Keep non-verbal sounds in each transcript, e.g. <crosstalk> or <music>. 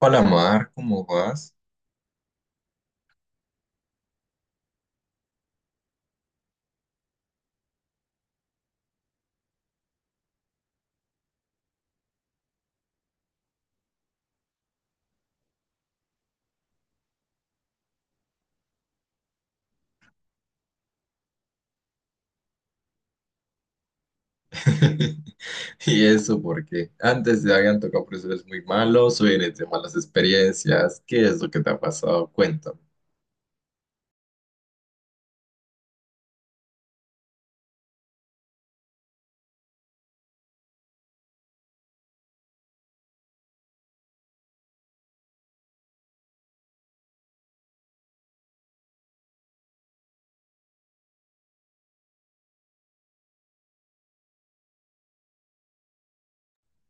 Hola Mar, ¿cómo vas? <laughs> Y eso porque antes te habían tocado profesores muy malos, hoy vienes de malas experiencias. ¿Qué es lo que te ha pasado? Cuéntame.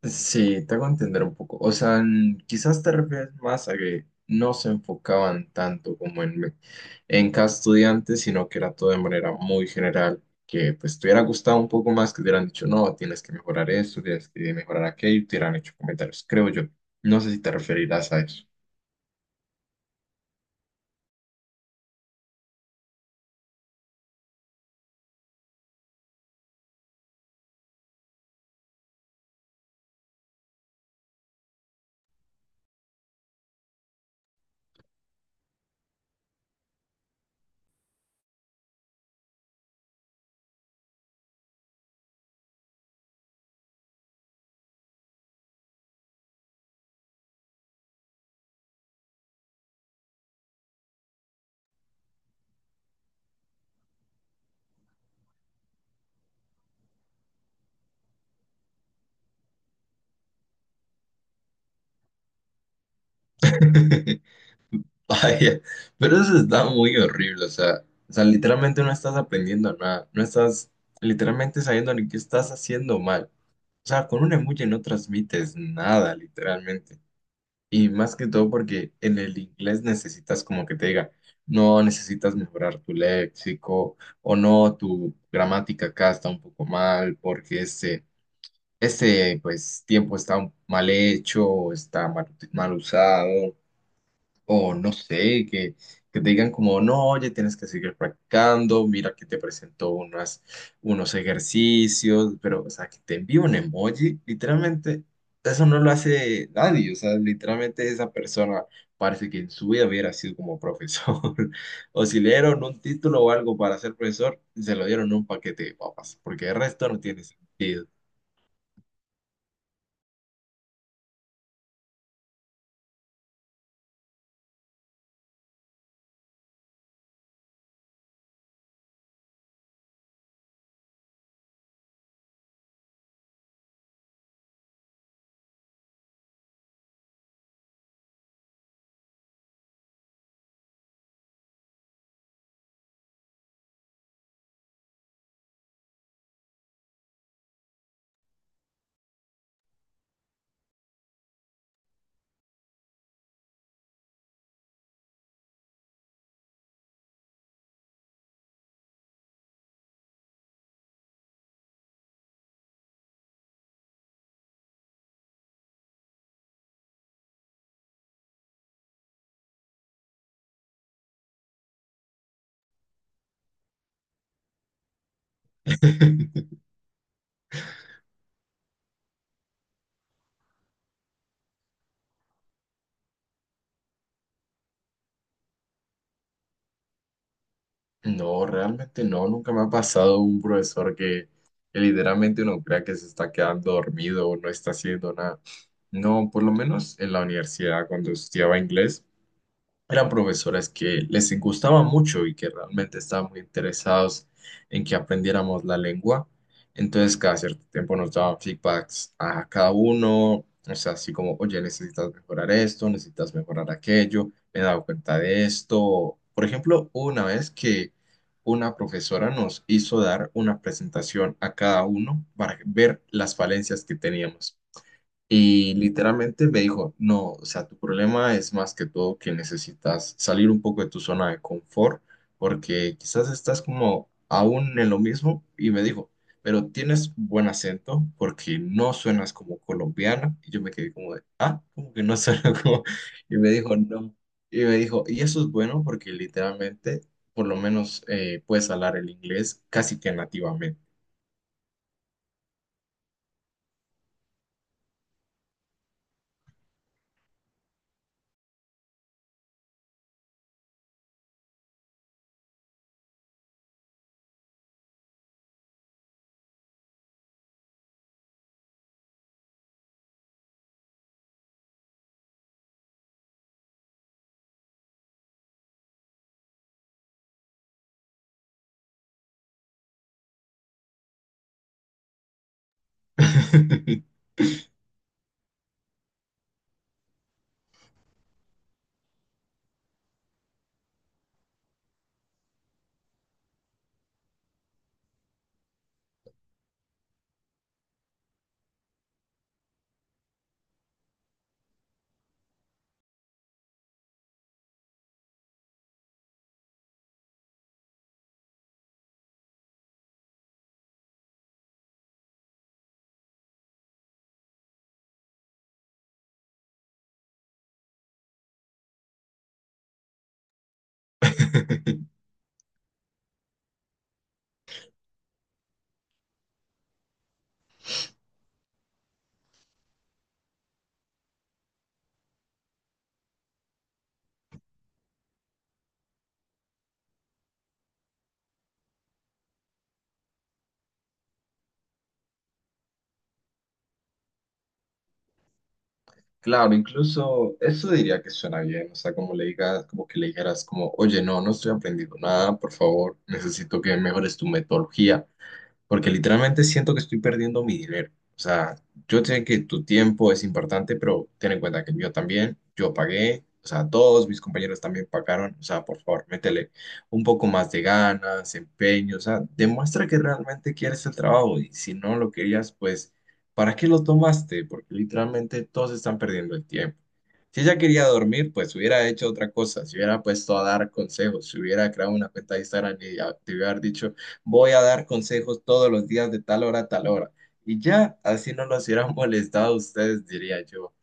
Sí, te hago entender un poco. O sea, quizás te refieres más a que no se enfocaban tanto como en, en cada estudiante, sino que era todo de manera muy general, que pues te hubiera gustado un poco más que te hubieran dicho, no, tienes que mejorar esto, tienes que mejorar aquello, y te hubieran hecho comentarios, creo yo. No sé si te referirás a eso. <laughs> <laughs> Vaya, pero eso está muy horrible, o sea, literalmente no estás aprendiendo nada, no estás literalmente sabiendo ni qué estás haciendo mal. O sea, con un emoji no transmites nada, literalmente. Y más que todo porque en el inglés necesitas como que te diga, no, necesitas mejorar tu léxico o no, tu gramática acá está un poco mal porque este pues tiempo está mal hecho, está mal usado. O no sé, que te digan como, no, oye, tienes que seguir practicando, mira que te presento unas, unos ejercicios, pero, o sea, que te envíe un emoji, literalmente, eso no lo hace nadie, o sea, literalmente esa persona parece que en su vida hubiera sido como profesor, <laughs> o si le dieron un título o algo para ser profesor, se lo dieron en un paquete de papas, porque el resto no tiene sentido. <laughs> No, realmente no, nunca me ha pasado un profesor que literalmente uno crea que se está quedando dormido o no está haciendo nada. No, por lo menos en la universidad cuando estudiaba inglés eran profesoras que les gustaba mucho y que realmente estaban muy interesados en que aprendiéramos la lengua. Entonces, cada cierto tiempo nos daban feedbacks a cada uno, o sea, así como, oye, necesitas mejorar esto, necesitas mejorar aquello, me he dado cuenta de esto. Por ejemplo, hubo una vez que una profesora nos hizo dar una presentación a cada uno para ver las falencias que teníamos. Y literalmente me dijo, no, o sea, tu problema es más que todo que necesitas salir un poco de tu zona de confort, porque quizás estás como aún en lo mismo. Y me dijo, pero tienes buen acento porque no suenas como colombiana. Y yo me quedé como de, ah, como que no suena <laughs> como... Y me dijo, no. Y me dijo, y eso es bueno porque literalmente, por lo menos, puedes hablar el inglés casi que nativamente. <laughs> Claro, incluso eso diría que suena bien, o sea, como le digas, como que le dijeras como, oye, no, no estoy aprendiendo nada, por favor, necesito que mejores tu metodología, porque literalmente siento que estoy perdiendo mi dinero. O sea, yo sé que tu tiempo es importante, pero ten en cuenta que el mío también, yo pagué, o sea, todos mis compañeros también pagaron, o sea, por favor, métele un poco más de ganas, empeño, o sea, demuestra que realmente quieres el trabajo y si no lo querías, pues, ¿para qué lo tomaste? Porque literalmente todos están perdiendo el tiempo. Si ella quería dormir, pues hubiera hecho otra cosa, se hubiera puesto a dar consejos, se hubiera creado una cuenta de Instagram y te hubiera dicho, voy a dar consejos todos los días de tal hora a tal hora. Y ya, así no los hubieran <laughs> molestado a ustedes, diría yo.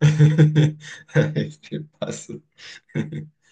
<laughs> Ay, ¿qué pasó? <laughs>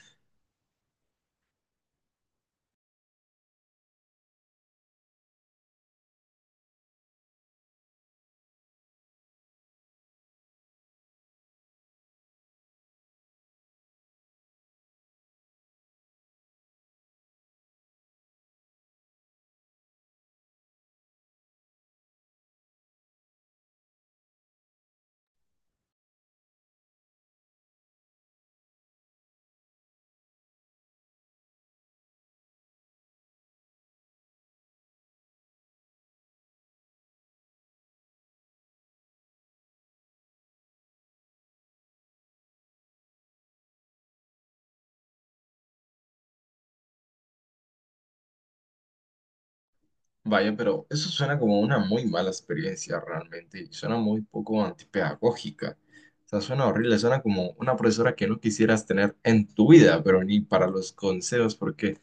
Vaya, pero eso suena como una muy mala experiencia realmente y suena muy poco antipedagógica. O sea, suena horrible, suena como una profesora que no quisieras tener en tu vida, pero ni para los consejos, porque...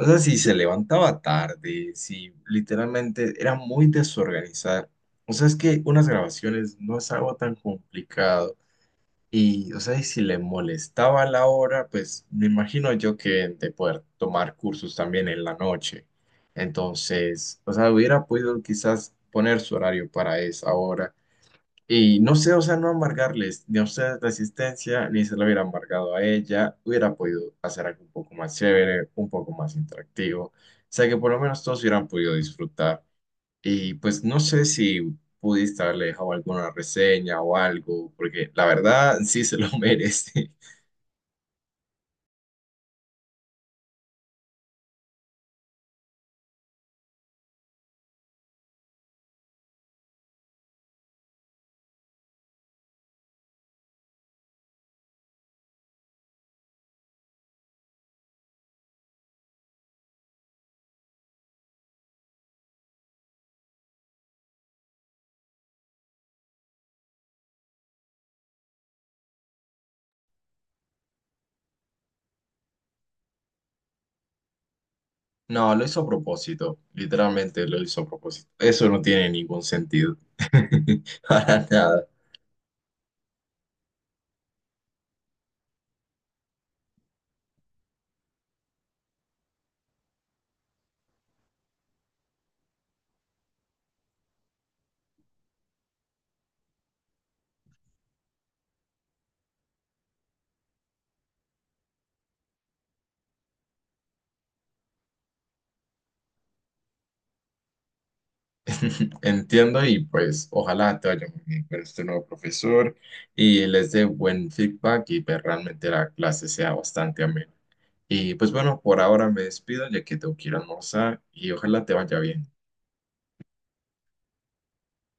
O sea, si se levantaba tarde, si literalmente era muy desorganizada. O sea, es que unas grabaciones no es algo tan complicado. Y, o sea, y si le molestaba la hora, pues me imagino yo que de poder tomar cursos también en la noche. Entonces, o sea, hubiera podido quizás poner su horario para esa hora y no sé, o sea, no amargarles ni a ustedes la existencia, ni se lo hubiera amargado a ella. Hubiera podido hacer algo un poco más chévere, un poco más interactivo. O sea, que por lo menos todos hubieran podido disfrutar. Y pues no sé si pudiste haberle dejado alguna reseña o algo, porque la verdad sí se lo <laughs> merece. No, lo hizo a propósito. Literalmente lo hizo a propósito. Eso no tiene ningún sentido. <laughs> Para nada. <laughs> Entiendo y pues ojalá te vaya muy bien con este nuevo profesor y les dé buen feedback y pues realmente la clase sea bastante amena. Y pues bueno, por ahora me despido ya que tengo que ir a almorzar y ojalá te vaya bien.